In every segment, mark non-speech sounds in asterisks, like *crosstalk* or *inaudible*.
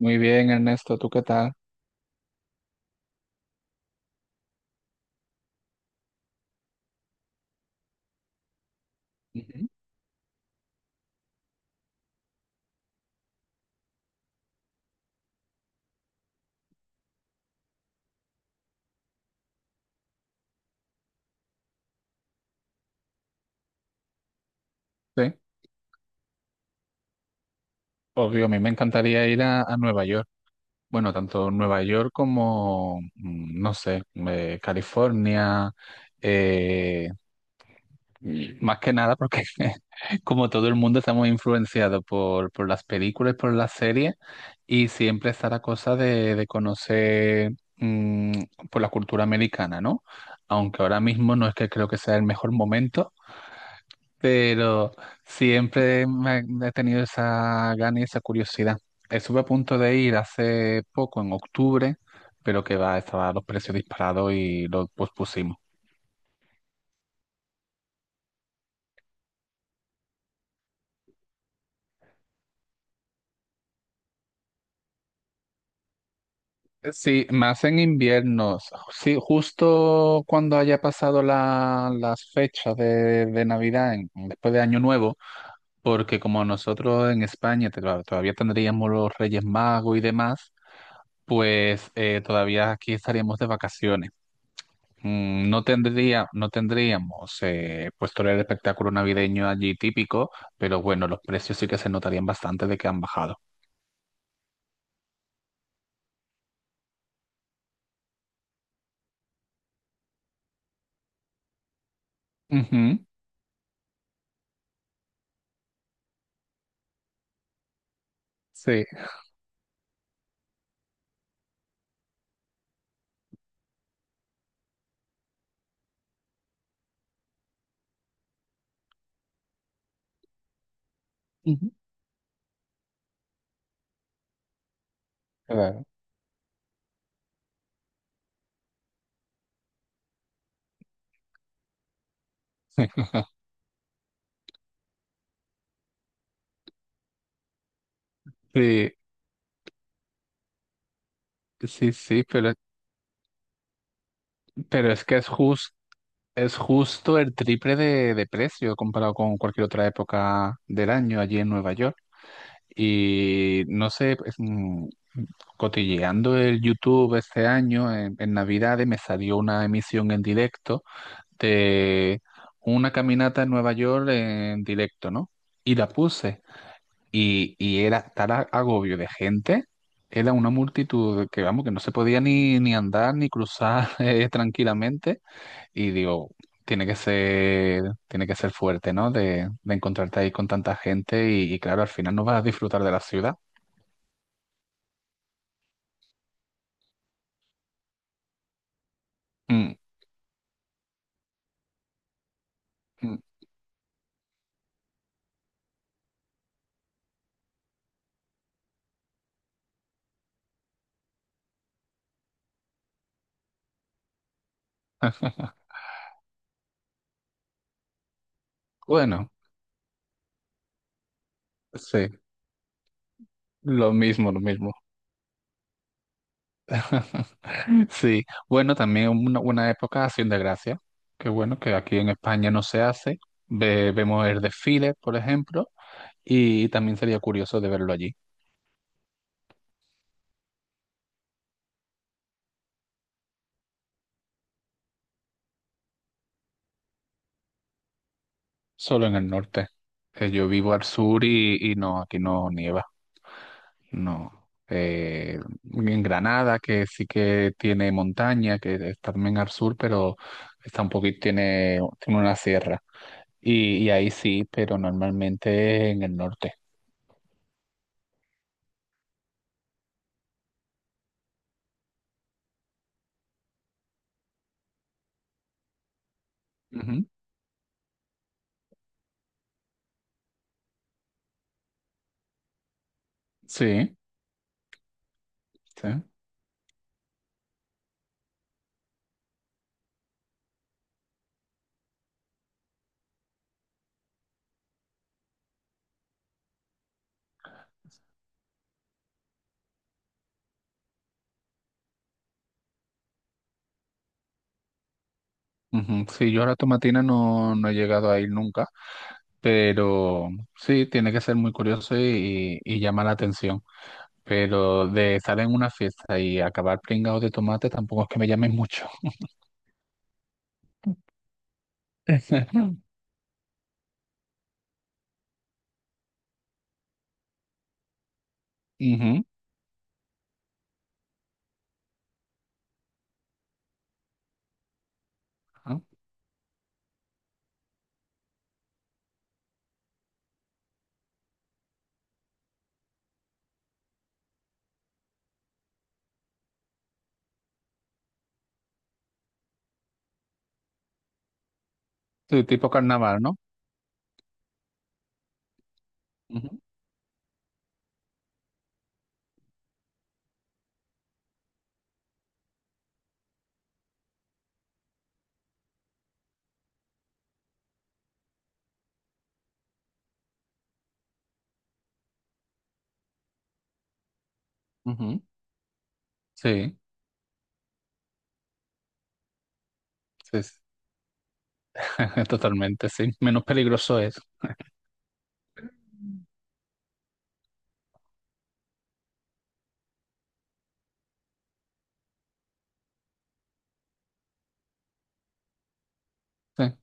Muy bien, Ernesto, ¿tú qué tal? Ujú. Sí, obvio, a mí me encantaría ir a Nueva York. Bueno, tanto Nueva York como, no sé, California, eh, más que nada porque *laughs* como todo el mundo estamos influenciados por las películas, por las series, y siempre está la cosa de conocer mm, por la cultura americana, ¿no? Aunque ahora mismo no es que creo que sea el mejor momento. Pero siempre me, he tenido esa gana y esa curiosidad. Estuve a punto de ir hace poco, en octubre, pero que va, estaban los precios disparados y lo pospusimos. Sí, más en inviernos. Sí, justo cuando haya pasado las fechas de Navidad, después de Año Nuevo, porque como nosotros en España claro, todavía tendríamos los Reyes Magos y demás, pues todavía aquí estaríamos de vacaciones. No tendríamos pues todo el espectáculo navideño allí típico, pero bueno, los precios sí que se notarían bastante de que han bajado. Ujú, sí, ujú, claro. *laughs* Sí, sí, sí, pero es que es justo el triple de precio comparado con cualquier otra época del año allí en Nueva York. Y no sé, pues, cotilleando el YouTube este año en Navidades me salió una emisión en directo de una caminata en Nueva York en directo, ¿no? Y la puse. Y era tal agobio de gente, era una multitud que, vamos, que no se podía ni andar ni cruzar *laughs* tranquilamente. Y digo, tiene que ser fuerte, ¿no? De encontrarte ahí con tanta gente y claro, al final no vas a disfrutar de la ciudad. Mm, mm. Bueno, sí, lo mismo, lo mismo. *laughs* Sí, bueno, también una época Hacienda Gracia, que bueno, que aquí en España no se hace. Vemos el desfile, por ejemplo, y también sería curioso de verlo allí, solo en el norte. Que yo vivo al sur y no, aquí no nieva, no. Eh, en Granada, que sí que tiene montaña, que es también al sur, pero está un poquito, tiene una sierra. Y ahí sí, pero normalmente en el norte. Sí, sí. Ujú. Sí, yo a la tomatina no he llegado a ir nunca, pero sí, tiene que ser muy curioso y llama la atención. Pero de estar en una fiesta y acabar pringado de tomate tampoco es que me llame mucho. *laughs* Ujú. Ah, sí, tipo carnaval, ¿no? Ujú, ujú. Sí, sí, sí. *laughs* Totalmente, sí. Menos peligroso es. Sí.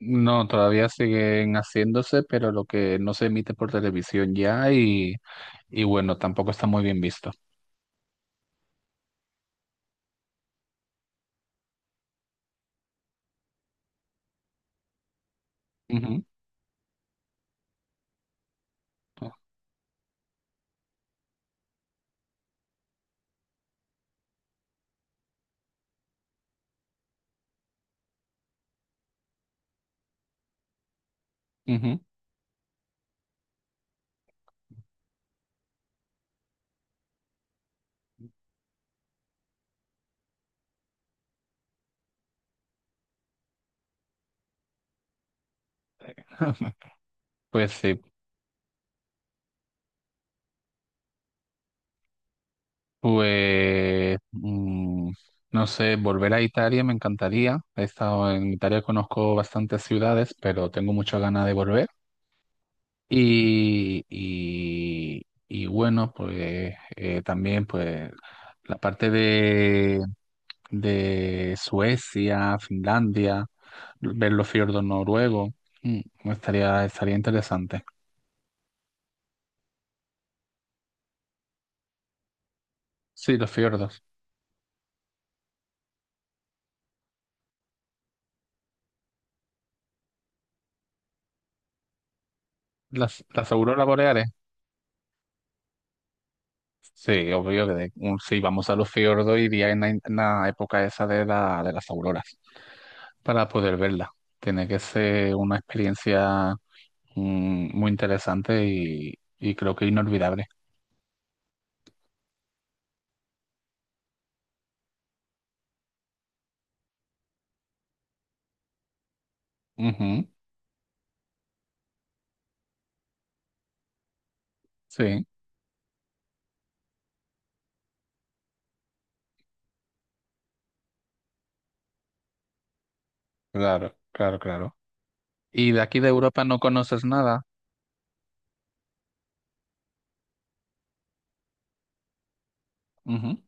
No, todavía siguen haciéndose, pero lo que no se emite por televisión ya y... Y bueno, tampoco está muy bien visto. Ujú, ujú. *laughs* Pues sí, pues no sé, volver a Italia me encantaría. He estado en Italia, conozco bastantes ciudades, pero tengo muchas ganas de volver. Y, y, y bueno, pues también pues la parte de Suecia, Finlandia, ver los fiordos noruegos, estaría interesante. Sí, los fiordos. Las auroras boreales, sí, obvio que si vamos a los fiordos iría en en la época esa de las auroras para poder verla. Tiene que ser una experiencia muy interesante y creo que inolvidable. Ujú, sí, claro, claro, claro. ¿Y de aquí de Europa no conoces nada? Ujú,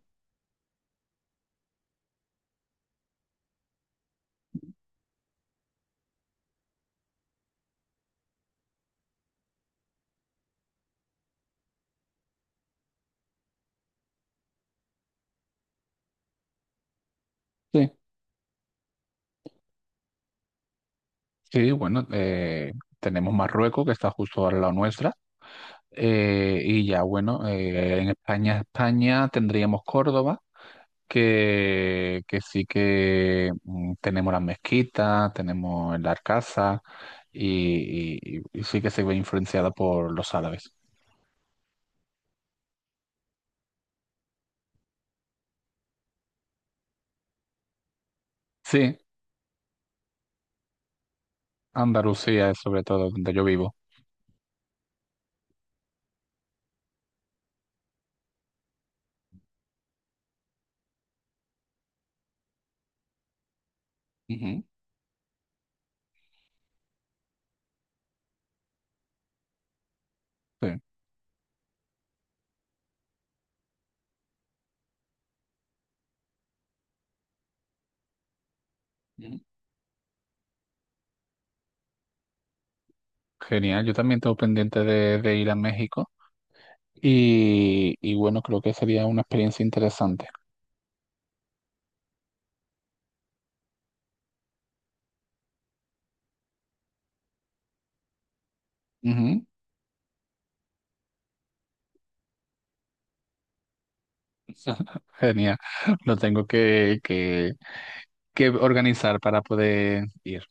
sí, sí, bueno, tenemos Marruecos que está justo al lado nuestra. Y ya, bueno, en España, España tendríamos Córdoba que sí que tenemos las mezquitas tenemos la arcasa y sí que se ve influenciada por los árabes. Sí, Andalucía es sobre todo donde yo vivo. Ujú, sí. Ujú. Genial, yo también tengo pendiente de ir a México y bueno, creo que sería una experiencia interesante. Ujú. *laughs* Genial, lo tengo que organizar para poder ir.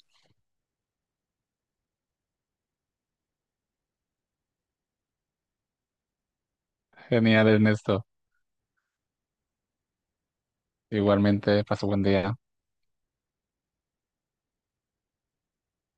Genial, Ernesto. Igualmente, paso buen día.